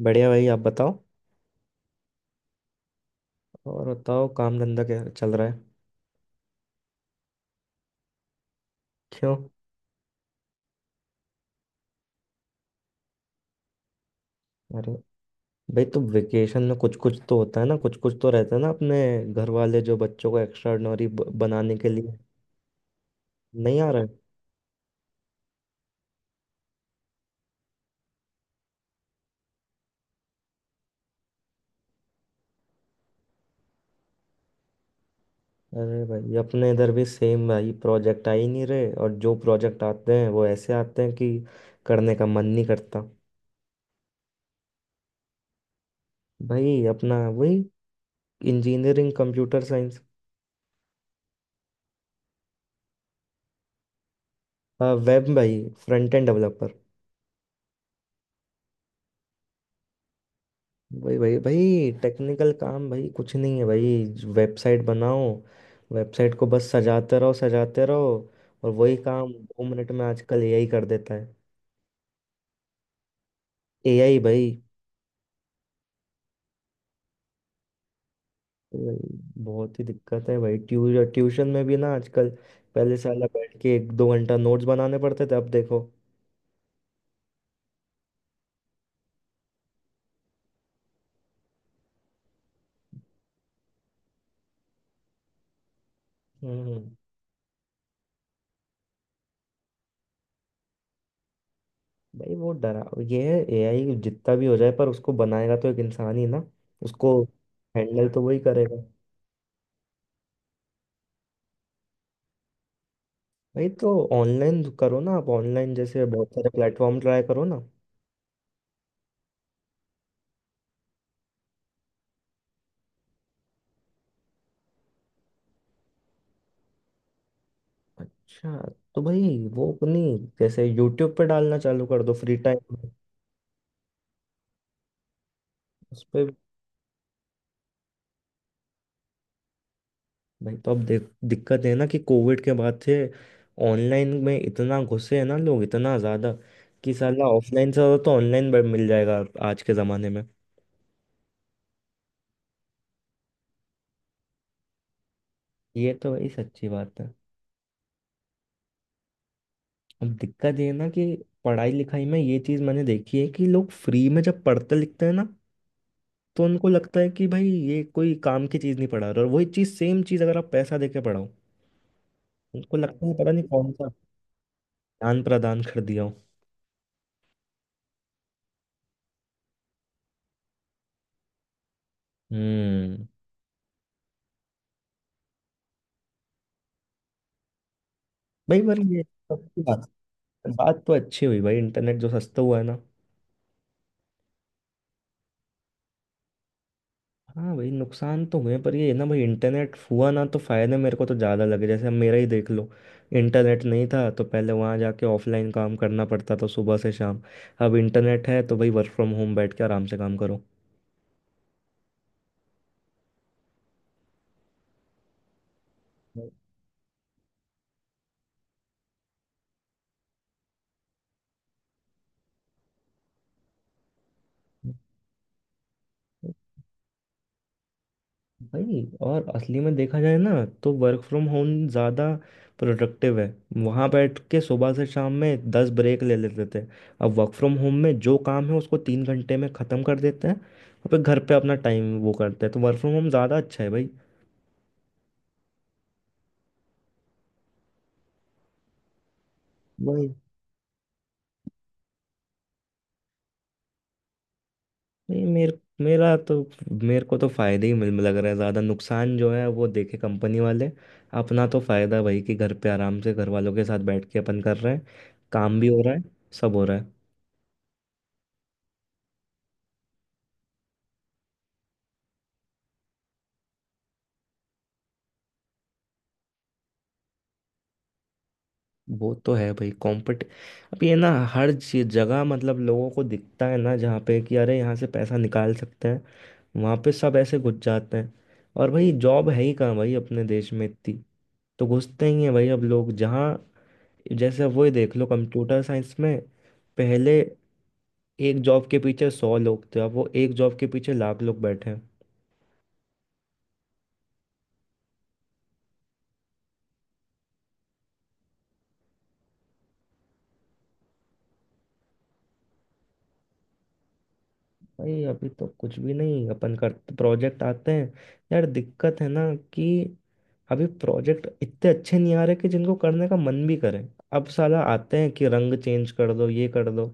बढ़िया भाई। आप बताओ और बताओ, काम धंधा क्या चल रहा है? क्यों? अरे भाई, तो वेकेशन में कुछ कुछ तो होता है ना, कुछ कुछ तो रहता है ना अपने। घर वाले जो बच्चों को एक्स्ट्राऑर्डिनरी बनाने के लिए नहीं आ रहे? अरे भाई, अपने इधर भी सेम भाई, प्रोजेक्ट आ ही नहीं रहे और जो प्रोजेक्ट आते हैं वो ऐसे आते हैं कि करने का मन नहीं करता। भाई अपना वही इंजीनियरिंग, कंप्यूटर साइंस। वेब भाई, फ्रंट एंड डेवलपर। भाई भाई भाई टेक्निकल काम भाई कुछ नहीं है भाई, वेबसाइट बनाओ, वेबसाइट को बस सजाते रहो, सजाते रहो, और वही काम 2 मिनट में आजकल एआई कर देता है। एआई भाई। भाई, बहुत ही दिक्कत है भाई ट्यूशन में भी ना आजकल। पहले साला बैठ के एक दो घंटा नोट्स बनाने पड़ते थे, अब देखो। हम्म भाई, वो डरा, ये है एआई जितना भी हो जाए पर उसको बनाएगा तो एक इंसान ही ना। उसको हैंडल तो वही करेगा। भाई तो ऑनलाइन करो ना आप, ऑनलाइन जैसे बहुत सारे प्लेटफॉर्म ट्राई करो ना। अच्छा, तो भाई वो अपनी जैसे यूट्यूब पे डालना चालू कर दो फ्री टाइम में। उस पे भाई, तो अब देख दिक्कत है ना कि कोविड के बाद से ऑनलाइन में इतना घुसे हैं ना लोग, इतना ज़्यादा कि साला ऑफलाइन से ज़्यादा तो ऑनलाइन मिल जाएगा आज के ज़माने में। ये तो भाई सच्ची बात है। अब दिक्कत ये है ना कि पढ़ाई लिखाई में ये चीज मैंने देखी है कि लोग फ्री में जब पढ़ते लिखते हैं ना तो उनको लगता है कि भाई ये कोई काम की चीज नहीं पढ़ा रहा, और वही चीज, सेम चीज अगर आप पैसा देके पढ़ाओ, उनको लगता है पता नहीं कौन सा ज्ञान प्रदान कर दिया हो। हम्म भाई पर ये सबकी बात, बात तो अच्छी हुई भाई इंटरनेट जो सस्ता हुआ है ना। हाँ भाई, नुकसान तो हुए पर ये है ना भाई, इंटरनेट हुआ ना तो फायदे मेरे को तो ज़्यादा लगे, जैसे अब मेरा ही देख लो। इंटरनेट नहीं था तो पहले वहाँ जाके ऑफलाइन काम करना पड़ता था सुबह से शाम। अब इंटरनेट है तो भाई वर्क फ्रॉम होम बैठ के आराम से काम करो। भाई और असली में देखा जाए ना तो वर्क फ्रॉम होम ज़्यादा प्रोडक्टिव है। वहाँ बैठ के सुबह से शाम में 10 ब्रेक ले लेते थे, अब वर्क फ्रॉम होम में जो काम है उसको 3 घंटे में ख़त्म कर देते हैं और फिर घर पे अपना टाइम वो करते हैं। तो वर्क फ्रॉम होम ज़्यादा अच्छा है भाई। वही। नहीं मेरे मेरा तो मेरे को तो फायदे ही मिल लग रहा है ज़्यादा, नुकसान जो है वो देखे कंपनी वाले। अपना तो फायदा भाई कि घर पे आराम से घर वालों के साथ बैठ के अपन कर रहे हैं, काम भी हो रहा है, सब हो रहा है। वो तो है भाई, कॉम्पिट अब ये ना हर चीज जगह मतलब लोगों को दिखता है ना जहाँ पे कि अरे यहाँ से पैसा निकाल सकते हैं, वहाँ पे सब ऐसे घुस जाते हैं। और भाई जॉब है ही कहाँ भाई अपने देश में इतनी, तो घुसते ही हैं भाई अब लोग जहाँ। जैसे अब वही देख लो कंप्यूटर साइंस में, पहले एक जॉब के पीछे 100 लोग थे, अब वो एक जॉब के पीछे लाख लोग बैठे हैं। भाई अभी तो कुछ भी नहीं अपन कर, प्रोजेक्ट आते हैं यार, दिक्कत है ना कि अभी प्रोजेक्ट इतने अच्छे नहीं आ रहे कि जिनको करने का मन भी करे। अब साला आते हैं कि रंग चेंज कर दो, ये कर दो।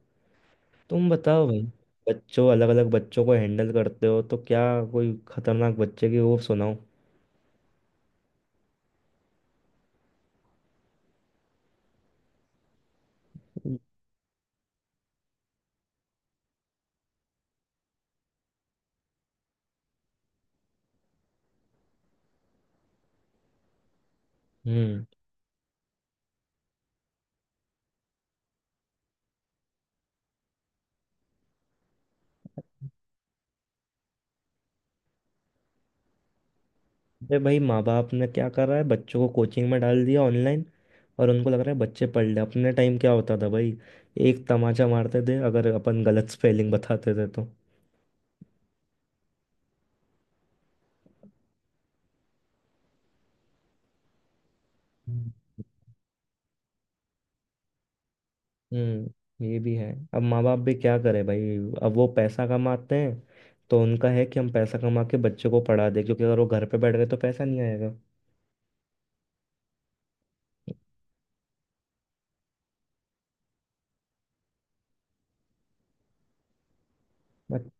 तुम बताओ भाई, बच्चों, अलग अलग बच्चों को हैंडल करते हो तो क्या कोई खतरनाक बच्चे की वो सुनाओ। हम्म अरे भाई माँ बाप ने क्या कर रहा है, बच्चों को कोचिंग में डाल दिया ऑनलाइन और उनको लग रहा है बच्चे पढ़ ले। अपने टाइम क्या होता था भाई, एक तमाचा मारते थे अगर अपन गलत स्पेलिंग बताते थे तो। हम्म। हम्म, ये भी है। अब माँ बाप भी क्या करे भाई, अब वो पैसा कमाते हैं तो उनका है कि हम पैसा कमा के बच्चों को पढ़ा दें, क्योंकि अगर वो घर पे बैठ गए तो पैसा नहीं आएगा। बट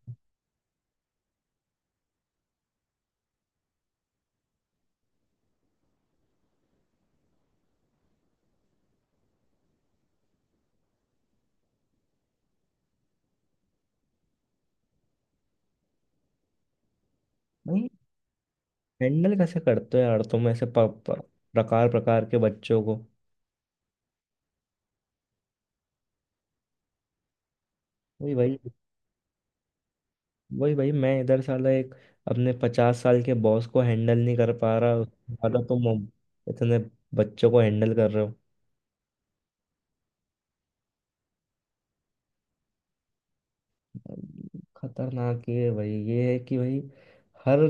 भाई हैंडल कैसे करते हो यार तुम ऐसे प, प, प्रकार प्रकार के बच्चों को? वही भाई वही भाई, मैं इधर साला एक अपने 50 साल के बॉस को हैंडल नहीं कर पा रहा, उससे ज्यादा तुम इतने बच्चों को हैंडल कर रहे हो। खतरनाक ये है भाई, ये है कि भाई हर,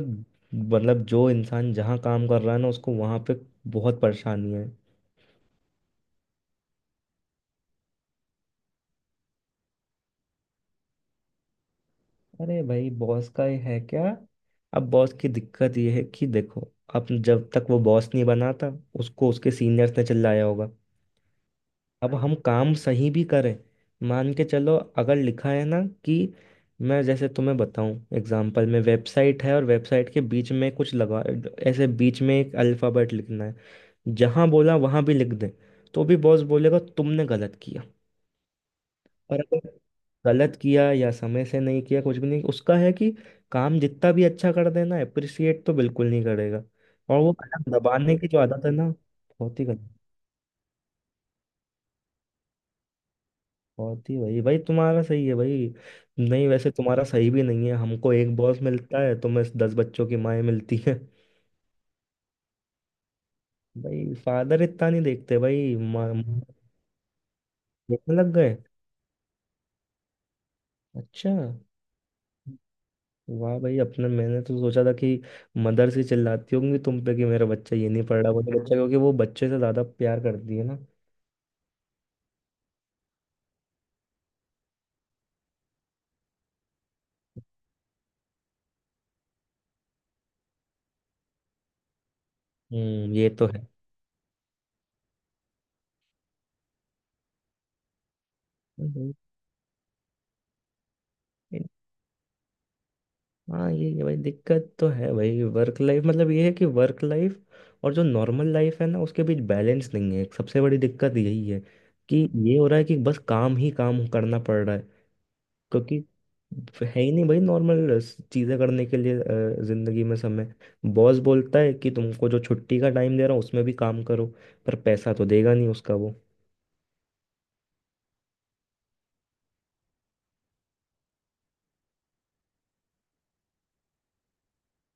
मतलब जो इंसान जहाँ काम कर रहा है ना उसको वहाँ पे बहुत परेशानी है। अरे भाई बॉस का ही है क्या। अब बॉस की दिक्कत ये है कि देखो, अब जब तक वो बॉस नहीं बना था, उसको उसके सीनियर्स ने चिल्लाया होगा। अब हम काम सही भी करें, मान के चलो अगर लिखा है ना कि, मैं जैसे तुम्हें बताऊं एग्जांपल में, वेबसाइट है और वेबसाइट के बीच में कुछ लगा ऐसे, बीच में एक अल्फ़ाबेट लिखना है, जहां बोला वहां भी लिख दें तो भी बॉस बोलेगा तुमने गलत किया। और अगर गलत किया या समय से नहीं किया, कुछ भी नहीं उसका है कि काम जितना भी अच्छा कर देना अप्रिशिएट तो बिल्कुल नहीं करेगा, और वो कलम दबाने की जो आदत है ना, बहुत ही गलत। बहुत ही भाई भाई तुम्हारा सही है भाई। नहीं, वैसे तुम्हारा सही भी नहीं है, हमको एक बॉस मिलता है, तुम्हें 10 बच्चों की माएँ मिलती हैं। भाई फादर इतना नहीं देखते भाई, माँ माँ देखने लग गए? अच्छा, वाह भाई। अपने मैंने तो सोचा था कि मदर से चिल्लाती होंगी तुम पे कि मेरा बच्चा ये नहीं पढ़ रहा वो नहीं, बच्चा क्योंकि वो बच्चे से ज्यादा प्यार करती है ना। हम्म, ये तो है। हम्म, हाँ ये भाई दिक्कत तो है भाई वर्क लाइफ, मतलब ये है कि वर्क लाइफ और जो नॉर्मल लाइफ है ना उसके बीच बैलेंस नहीं है, सबसे बड़ी दिक्कत यही है कि, ये हो रहा है कि बस काम ही काम करना पड़ रहा है, क्योंकि है ही नहीं भाई नॉर्मल चीज़ें करने के लिए ज़िंदगी में समय। बॉस बोलता है कि तुमको जो छुट्टी का टाइम दे रहा हूँ उसमें भी काम करो, पर पैसा तो देगा नहीं उसका वो।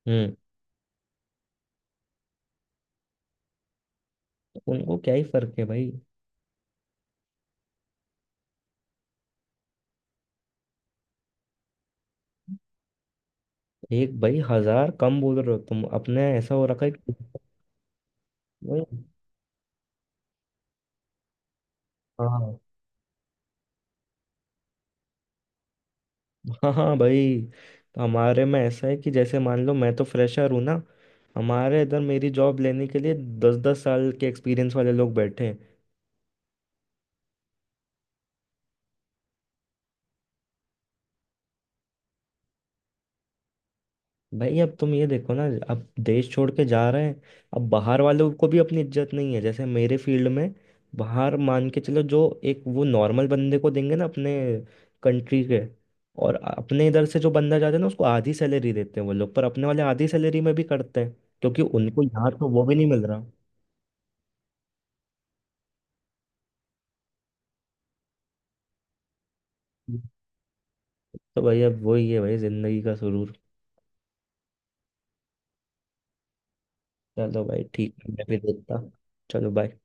हम्म तो उनको क्या ही फर्क है भाई। एक भाई हजार कम बोल रहे हो तुम, अपने ऐसा हो रखा है कि, हाँ हाँ हाँ भाई तो हमारे में ऐसा है कि जैसे मान लो मैं तो फ्रेशर हूँ ना, हमारे इधर मेरी जॉब लेने के लिए 10-10 साल के एक्सपीरियंस वाले लोग बैठे हैं। भाई अब तुम ये देखो ना, अब देश छोड़ के जा रहे हैं, अब बाहर वालों को भी अपनी इज्जत नहीं है, जैसे मेरे फील्ड में बाहर मान के चलो जो एक वो नॉर्मल बंदे को देंगे ना अपने कंट्री के, और अपने इधर से जो बंदा जाता है ना उसको आधी सैलरी देते हैं वो लोग, पर अपने वाले आधी सैलरी में भी करते हैं क्योंकि उनको यहाँ तो वो भी नहीं मिल रहा। तो भाई अब वही है भाई, जिंदगी का सुरूर। चलो भाई ठीक है, मैं भी देखता। चलो बाय।